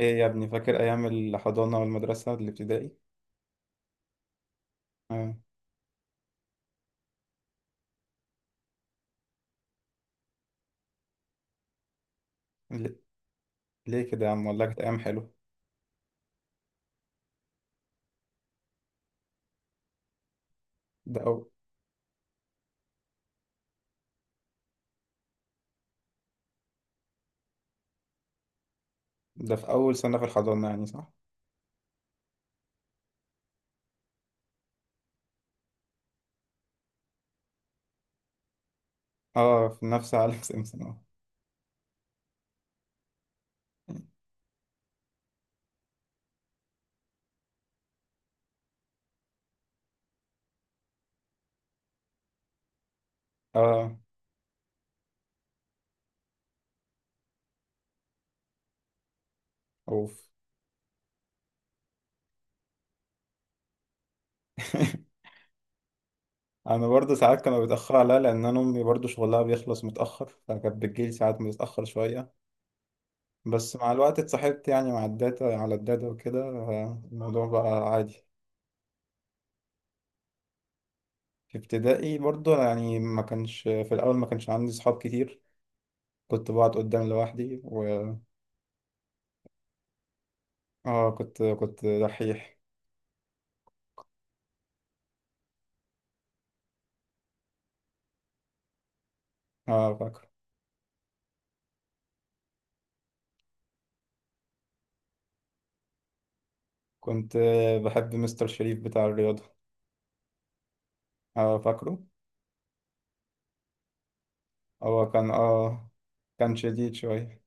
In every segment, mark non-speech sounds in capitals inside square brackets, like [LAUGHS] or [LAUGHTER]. ايه يا ابني، فاكر ايام الحضانه والمدرسه الابتدائي؟ آه. ل- ليه كده يا عم؟ والله كانت ايام حلوه. ده أو... ده في اول سنه في الحضانه يعني، صح؟ اه، في نفس عالم [LAUGHS] سمسم اه. اه. اوف. [LAUGHS] انا برضه ساعات كانوا بيتاخروا عليا، لان انا امي برضه شغلها بيخلص متاخر، فكانت بتجيلي ساعات متاخر شويه. بس مع الوقت اتصاحبت يعني مع الداتا، على الداتا وكده، آه، الموضوع بقى عادي. في ابتدائي برضه، يعني ما كانش في الاول ما كانش عندي صحاب كتير. كنت بقعد قدام لوحدي. اه، كنت دحيح. اه، فاكره. كنت بحب مستر شريف بتاع الرياضة. اه، فاكره. هو كان اه، كان شديد شوية.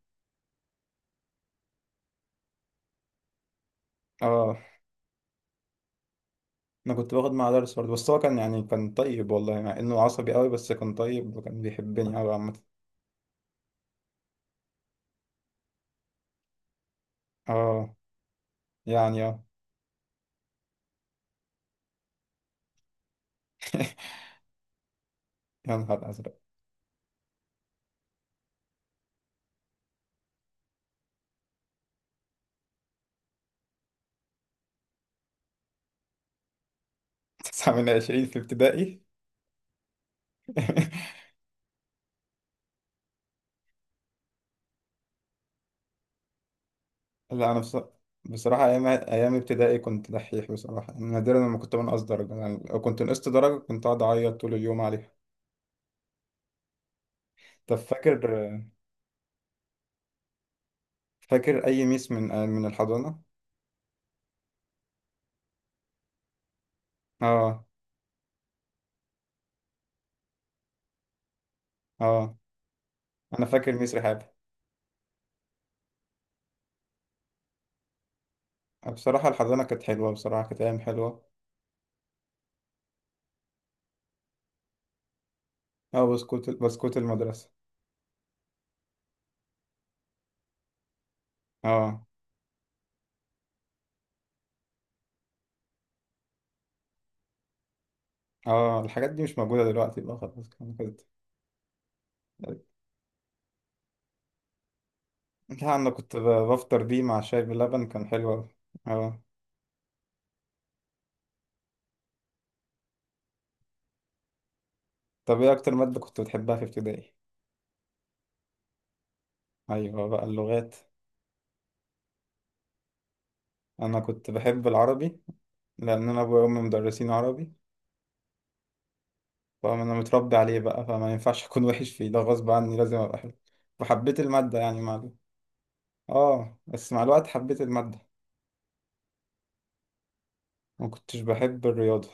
اه، انا كنت باخد معاه درس برضه، بس هو كان يعني كان طيب والله. مع انه عصبي قوي بس كان طيب، وكان بيحبني قوي عامة. اه. يعني اه. [LAUGHS] يا نهار ازرق! [LAUGHS] تسعة من عشرين في ابتدائي؟ [LAUGHS] لا انا بص... بصراحة ايام، ايام ابتدائي كنت دحيح بصراحة. نادرا لما كنت بنقص درجة، يعني لو كنت نقصت درجة كنت اقعد اعيط طول اليوم عليها. طب فاكر، فاكر أي ميس من الحضانة؟ اه. اه. أنا فاكر ميس رحاب. بصراحة الحضانة كانت حلوة، بصراحة كانت أيام حلوة. اه، بسكوت، بسكوت المدرسة. اه. اه، الحاجات دي مش موجودة دلوقتي بقى، خلاص كان كده. لا، أنا كنت بفطر بيه مع شاي بلبن، كان حلو أوي. اه. طب إيه أكتر مادة كنت بتحبها في ابتدائي؟ أيوة بقى، اللغات. أنا كنت بحب العربي، لأن أنا أبويا وأمي مدرسين عربي. فانا متربي عليه بقى، فما ينفعش اكون وحش فيه، ده غصب عني لازم ابقى حلو. وحبيت المادة يعني مع ال- اه، بس مع الوقت حبيت المادة. ما كنتش بحب الرياضة.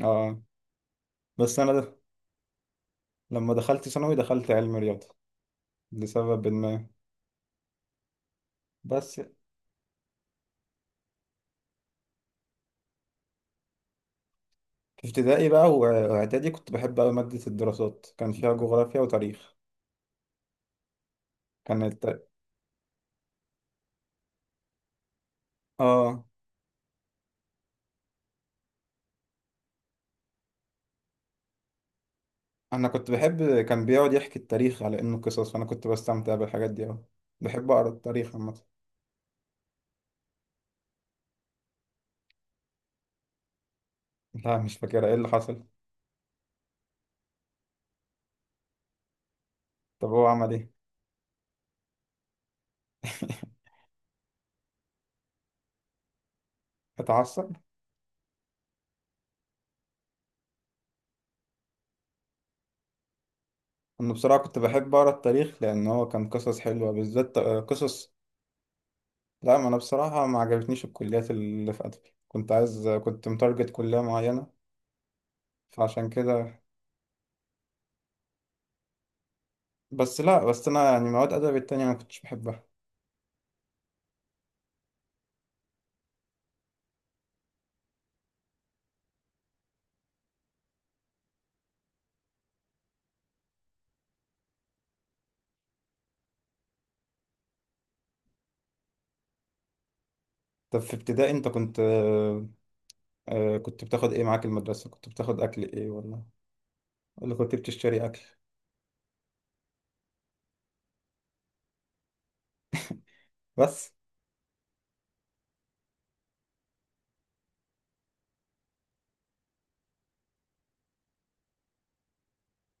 اه، بس انا ده. لما دخلت ثانوي دخلت علم رياضة لسبب ما. بس في ابتدائي بقى، واعدادي كنت بحب أوي مادة الدراسات، كان فيها جغرافيا وتاريخ. كان الت... اه، انا كنت بحب، كان بيقعد يحكي التاريخ على انه قصص، فانا كنت بستمتع بالحاجات دي اوي. بحب اقرا التاريخ عامة. لا، مش فاكرة ايه اللي حصل. طب هو عمل ايه؟ اتعصب. انا بصراحه كنت بحب اقرا التاريخ، لان هو كان قصص حلوه بالذات، آه، قصص. لا، ما انا بصراحه ما عجبتنيش الكليات اللي في ادبي، كنت عايز، كنت متارجت كليه معينه فعشان كده. بس لا، بس انا يعني مواد ادبي التانية ما كنتش بحبها. طب في ابتدائي انت كنت آه، آه، كنت بتاخد ايه معاك المدرسه؟ كنت بتاخد اكل ايه ولا اللي كنت بتشتري اكل؟ بس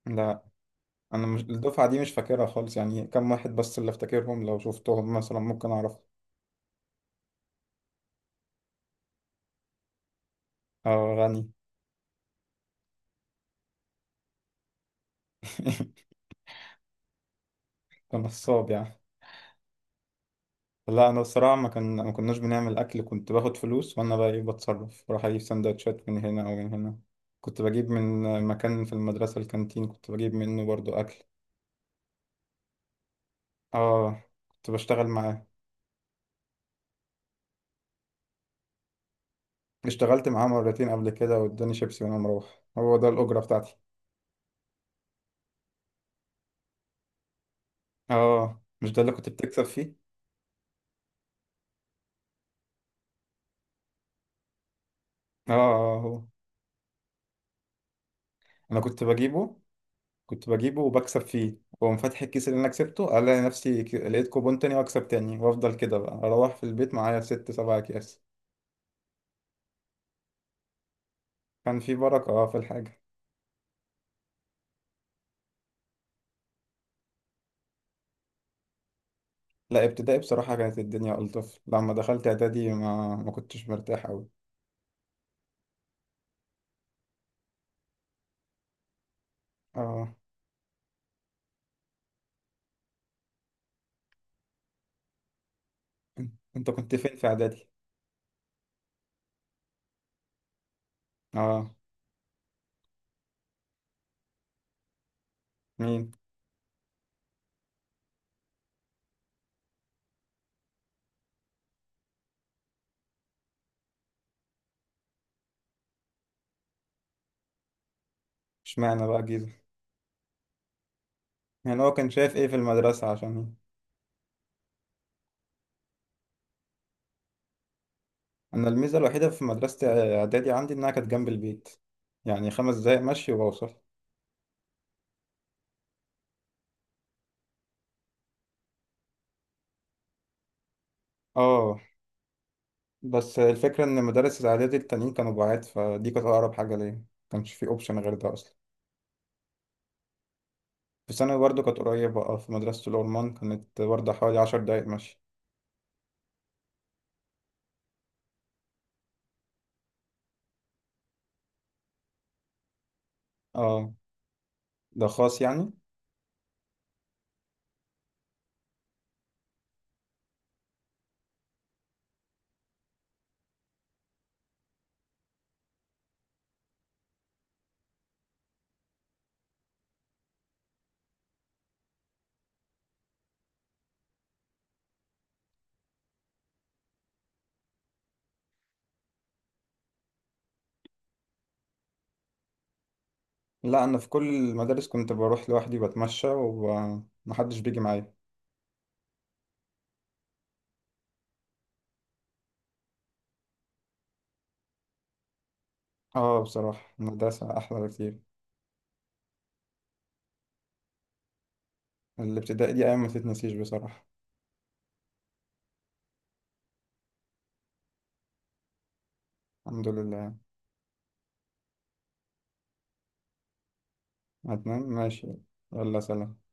لا، انا مش الدفعه دي مش فاكرها خالص، يعني كم واحد بس اللي افتكرهم، لو شفتهم مثلا ممكن اعرف. اه، غني. [LAUGHS] نصاب يعني. لا انا الصراحه، ما كان، ما كناش بنعمل اكل. كنت باخد فلوس وانا بقى ايه بتصرف، بروح اجيب سندوتشات من هنا او من هنا. كنت بجيب من مكان في المدرسه، الكانتين، كنت بجيب منه برضو اكل. اه، كنت بشتغل معاه. اشتغلت معاه مرتين قبل كده، واداني شيبسي وانا مروح، هو ده الاجره بتاعتي. اه، مش ده اللي كنت بتكسب فيه؟ اه، آه، هو. انا كنت بجيبه. كنت بجيبه وبكسب فيه، واقوم فاتح الكيس اللي انا كسبته الاقي نفسي لقيت كوبون تاني، واكسب تاني، وافضل كده بقى اروح في البيت معايا ست سبع اكياس. كان في بركة، اه، في الحاجة. لا، ابتدائي بصراحة كانت الدنيا ألطف، لما دخلت اعدادي ما كنتش مرتاح أوي. اه. إن- انت كنت فين في اعدادي؟ اه. مين؟ اشمعنى بقى جيزة؟ يعني هو كان شايف ايه في المدرسة عشان؟ انا الميزة الوحيدة في مدرسة اعدادي عندي انها كانت جنب البيت، يعني 5 دقايق مشي وبوصل. اه. بس الفكرة إن مدارس الإعدادي التانيين كانوا بعاد، فدي كانت أقرب حاجة ليا. مكانش في أوبشن غير ده أصلا. في ثانوي برضه كانت قريبة، أه، في مدرسة الأورمان كانت برضه حوالي 10 دقايق مشي. أه، ده خاص يعني. لا، أنا في كل المدارس كنت بروح لوحدي، بتمشى ومحدش بيجي معايا. أه، بصراحة المدرسة أحلى بكتير. الابتدائي دي أيام ما تتنسيش بصراحة. الحمد لله يعني. هتنام؟ ماشي. يلا سلام.